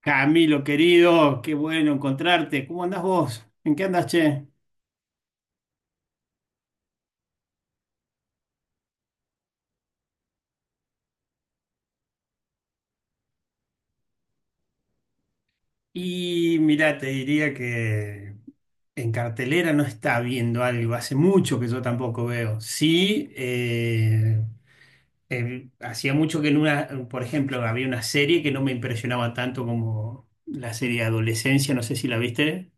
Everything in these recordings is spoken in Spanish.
Camilo, querido, qué bueno encontrarte. ¿Cómo andás vos? ¿En qué andás, che? Y mira, te diría que en cartelera no está viendo algo, hace mucho que yo tampoco veo. Sí, hacía mucho que en una, por ejemplo, había una serie que no me impresionaba tanto como la serie Adolescencia, no sé si la viste.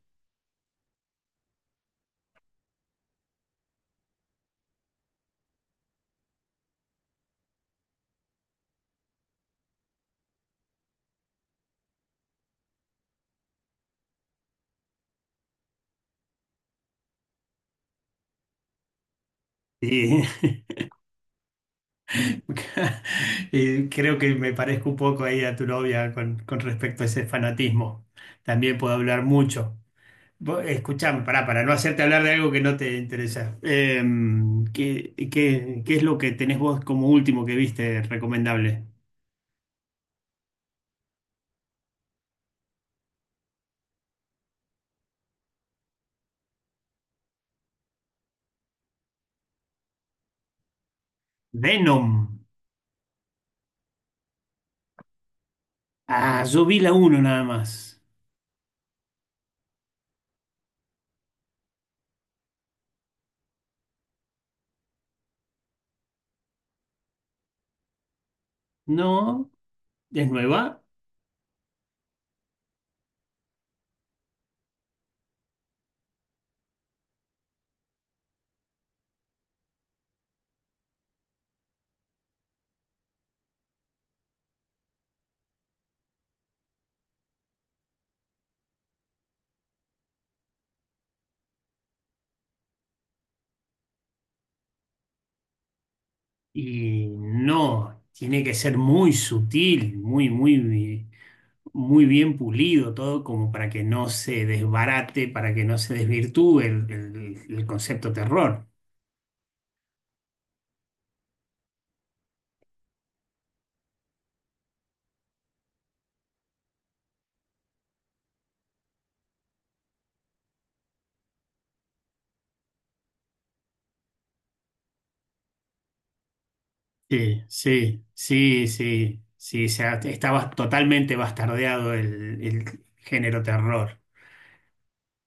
Y, y creo que me parezco un poco ahí a tu novia con respecto a ese fanatismo. También puedo hablar mucho. Vos, Escuchame, pará, para no hacerte hablar de algo que no te interesa. ¿Qué es lo que tenés vos como último que viste recomendable? Venom. Ah, yo vi la uno nada más. No, es nueva. Y no, tiene que ser muy sutil, muy, muy, muy bien pulido todo, como para que no se desbarate, para que no se desvirtúe el concepto terror. Sí, sí, sí, sí, sí, o sea, estaba totalmente bastardeado el género terror.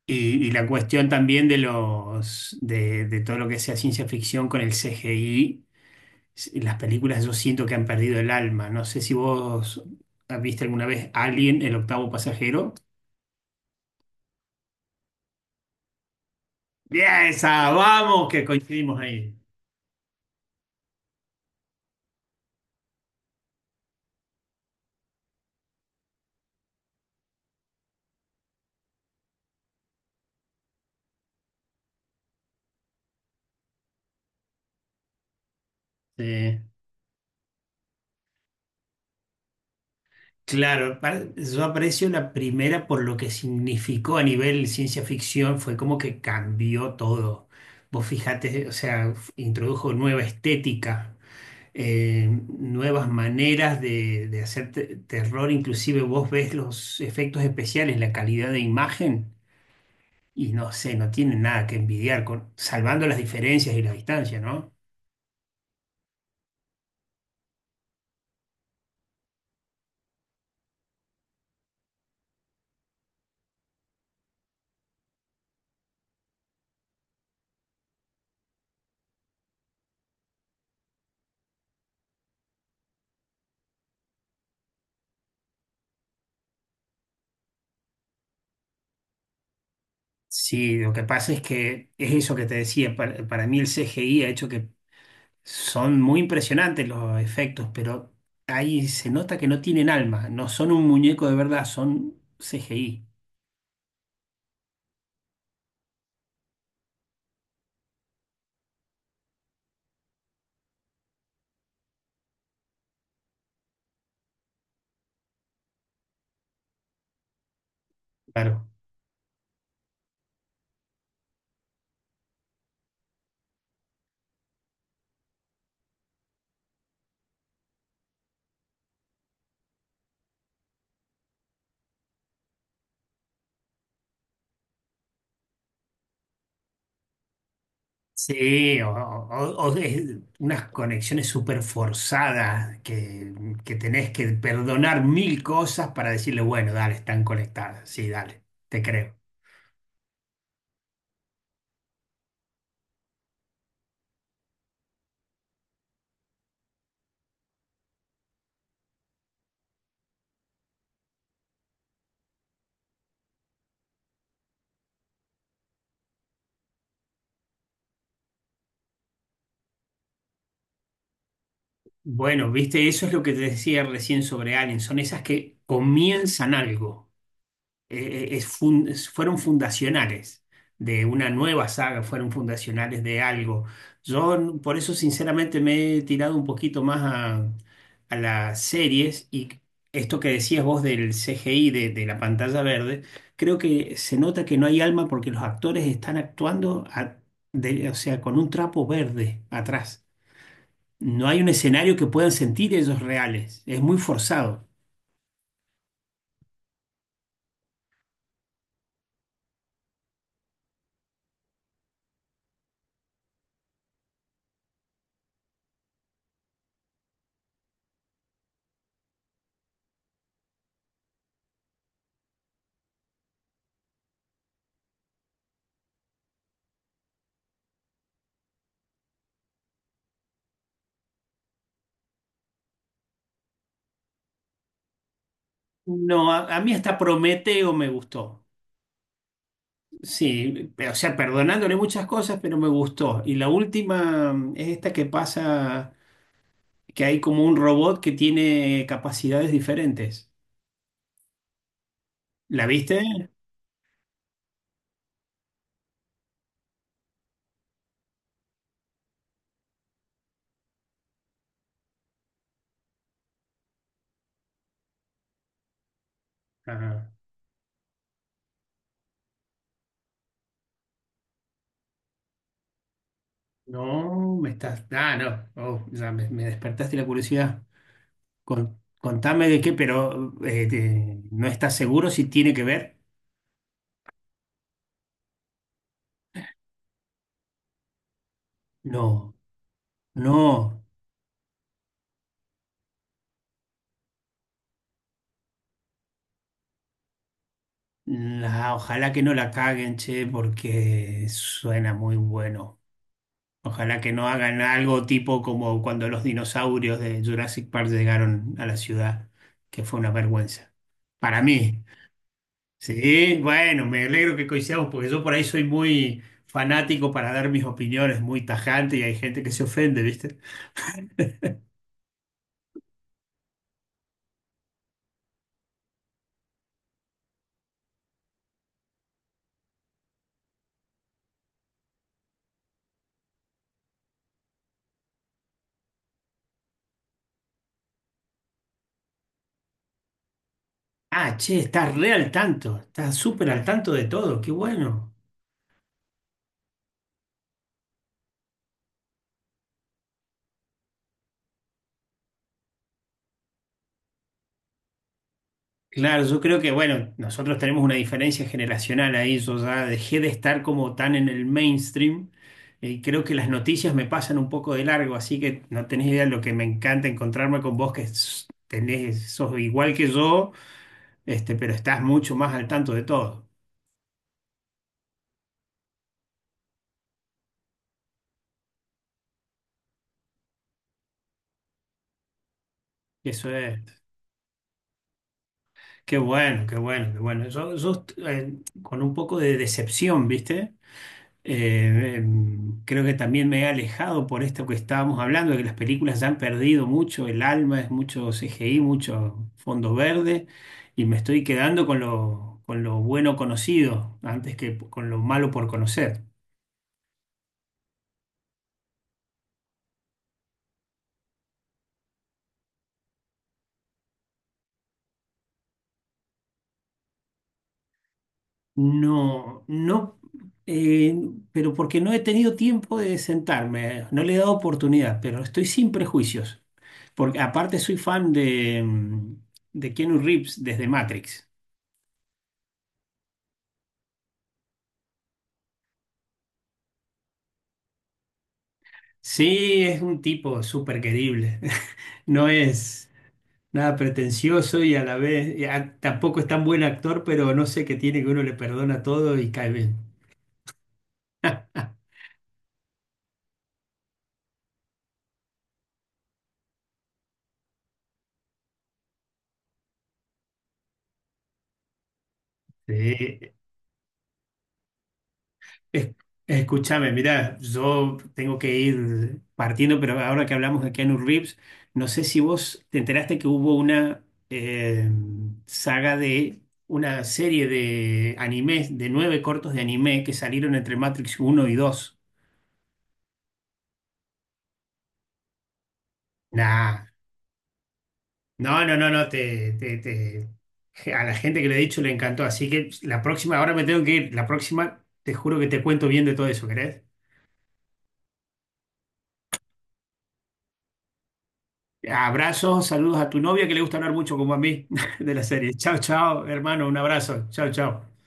Y la cuestión también de los de todo lo que sea ciencia ficción con el CGI. Las películas yo siento que han perdido el alma. No sé si vos viste alguna vez Alien, el octavo pasajero. Bien, esa, vamos, que coincidimos ahí. Sí. Claro, yo aprecio la primera por lo que significó a nivel ciencia ficción, fue como que cambió todo. Vos fijate, o sea, introdujo nueva estética, nuevas maneras de hacer terror, inclusive vos ves los efectos especiales, la calidad de imagen, y no sé, no tiene nada que envidiar, con, salvando las diferencias y la distancia, ¿no? Sí, lo que pasa es que es eso que te decía, para, mí el CGI ha hecho que. Son muy impresionantes los efectos, pero ahí se nota que no tienen alma, no son un muñeco de verdad, son CGI. Claro. Sí, o es unas conexiones súper forzadas que tenés que perdonar mil cosas para decirle, bueno, dale, están conectadas, sí, dale, te creo. Bueno, viste, eso es lo que te decía recién sobre Alien, son esas que comienzan algo. Fueron fundacionales de una nueva saga, fueron fundacionales de algo. Yo por eso sinceramente me he tirado un poquito más a, las series y esto que decías vos del CGI, de la pantalla verde, creo que se nota que no hay alma porque los actores están actuando o sea, con un trapo verde atrás. No hay un escenario que puedan sentir ellos reales. Es muy forzado. No, a, mí hasta Prometeo me gustó. Sí, o sea, perdonándole muchas cosas, pero me gustó. Y la última es esta que pasa, que hay como un robot que tiene capacidades diferentes. ¿La viste? Ah, no, Ah, no. Oh, ya me despertaste la curiosidad. Contame de qué, pero ¿no estás seguro si tiene que ver? No, no. Ojalá que no la caguen, che, porque suena muy bueno. Ojalá que no hagan algo tipo como cuando los dinosaurios de Jurassic Park llegaron a la ciudad, que fue una vergüenza. Para mí. Sí, bueno, me alegro que coincidamos porque yo por ahí soy muy fanático para dar mis opiniones, muy tajante y hay gente que se ofende, ¿viste? Ah, che, estás re al tanto, estás súper al tanto de todo, qué bueno. Claro, yo creo que, bueno, nosotros tenemos una diferencia generacional ahí. Yo ya dejé de estar como tan en el mainstream. Y creo que las noticias me pasan un poco de largo, así que no tenés idea lo que me encanta encontrarme con vos, que tenés, sos igual que yo, este, pero estás mucho más al tanto de todo. Eso es. Qué bueno, qué bueno, qué bueno. Con un poco de decepción, ¿viste? Creo que también me he alejado por esto que estábamos hablando, de que las películas ya han perdido mucho el alma, es mucho CGI, mucho fondo verde, y me estoy quedando con lo, bueno conocido antes que con lo malo por conocer. No, no, eh, pero porque no he tenido tiempo de sentarme, no le he dado oportunidad, pero estoy sin prejuicios, porque aparte soy fan de Keanu Reeves desde Matrix. Sí, es un tipo súper querible. No es nada pretencioso y a la vez tampoco es tan buen actor, pero no sé qué tiene que uno le perdona todo y cae bien. Sí. Es- Escúchame, mira, yo tengo que ir partiendo, pero ahora que hablamos de Keanu Reeves, no sé si vos te enteraste que hubo una saga de una serie de animes, de nueve cortos de anime que salieron entre Matrix uno y 2. Nah. No, no, no, no, a la gente que le he dicho le encantó, así que la próxima, ahora me tengo que ir, la próxima te juro que te cuento bien de todo eso, ¿querés? Abrazos, saludos a tu novia que le gusta hablar mucho como a mí de la serie. Chao, chao, hermano, un abrazo. Chao, chao.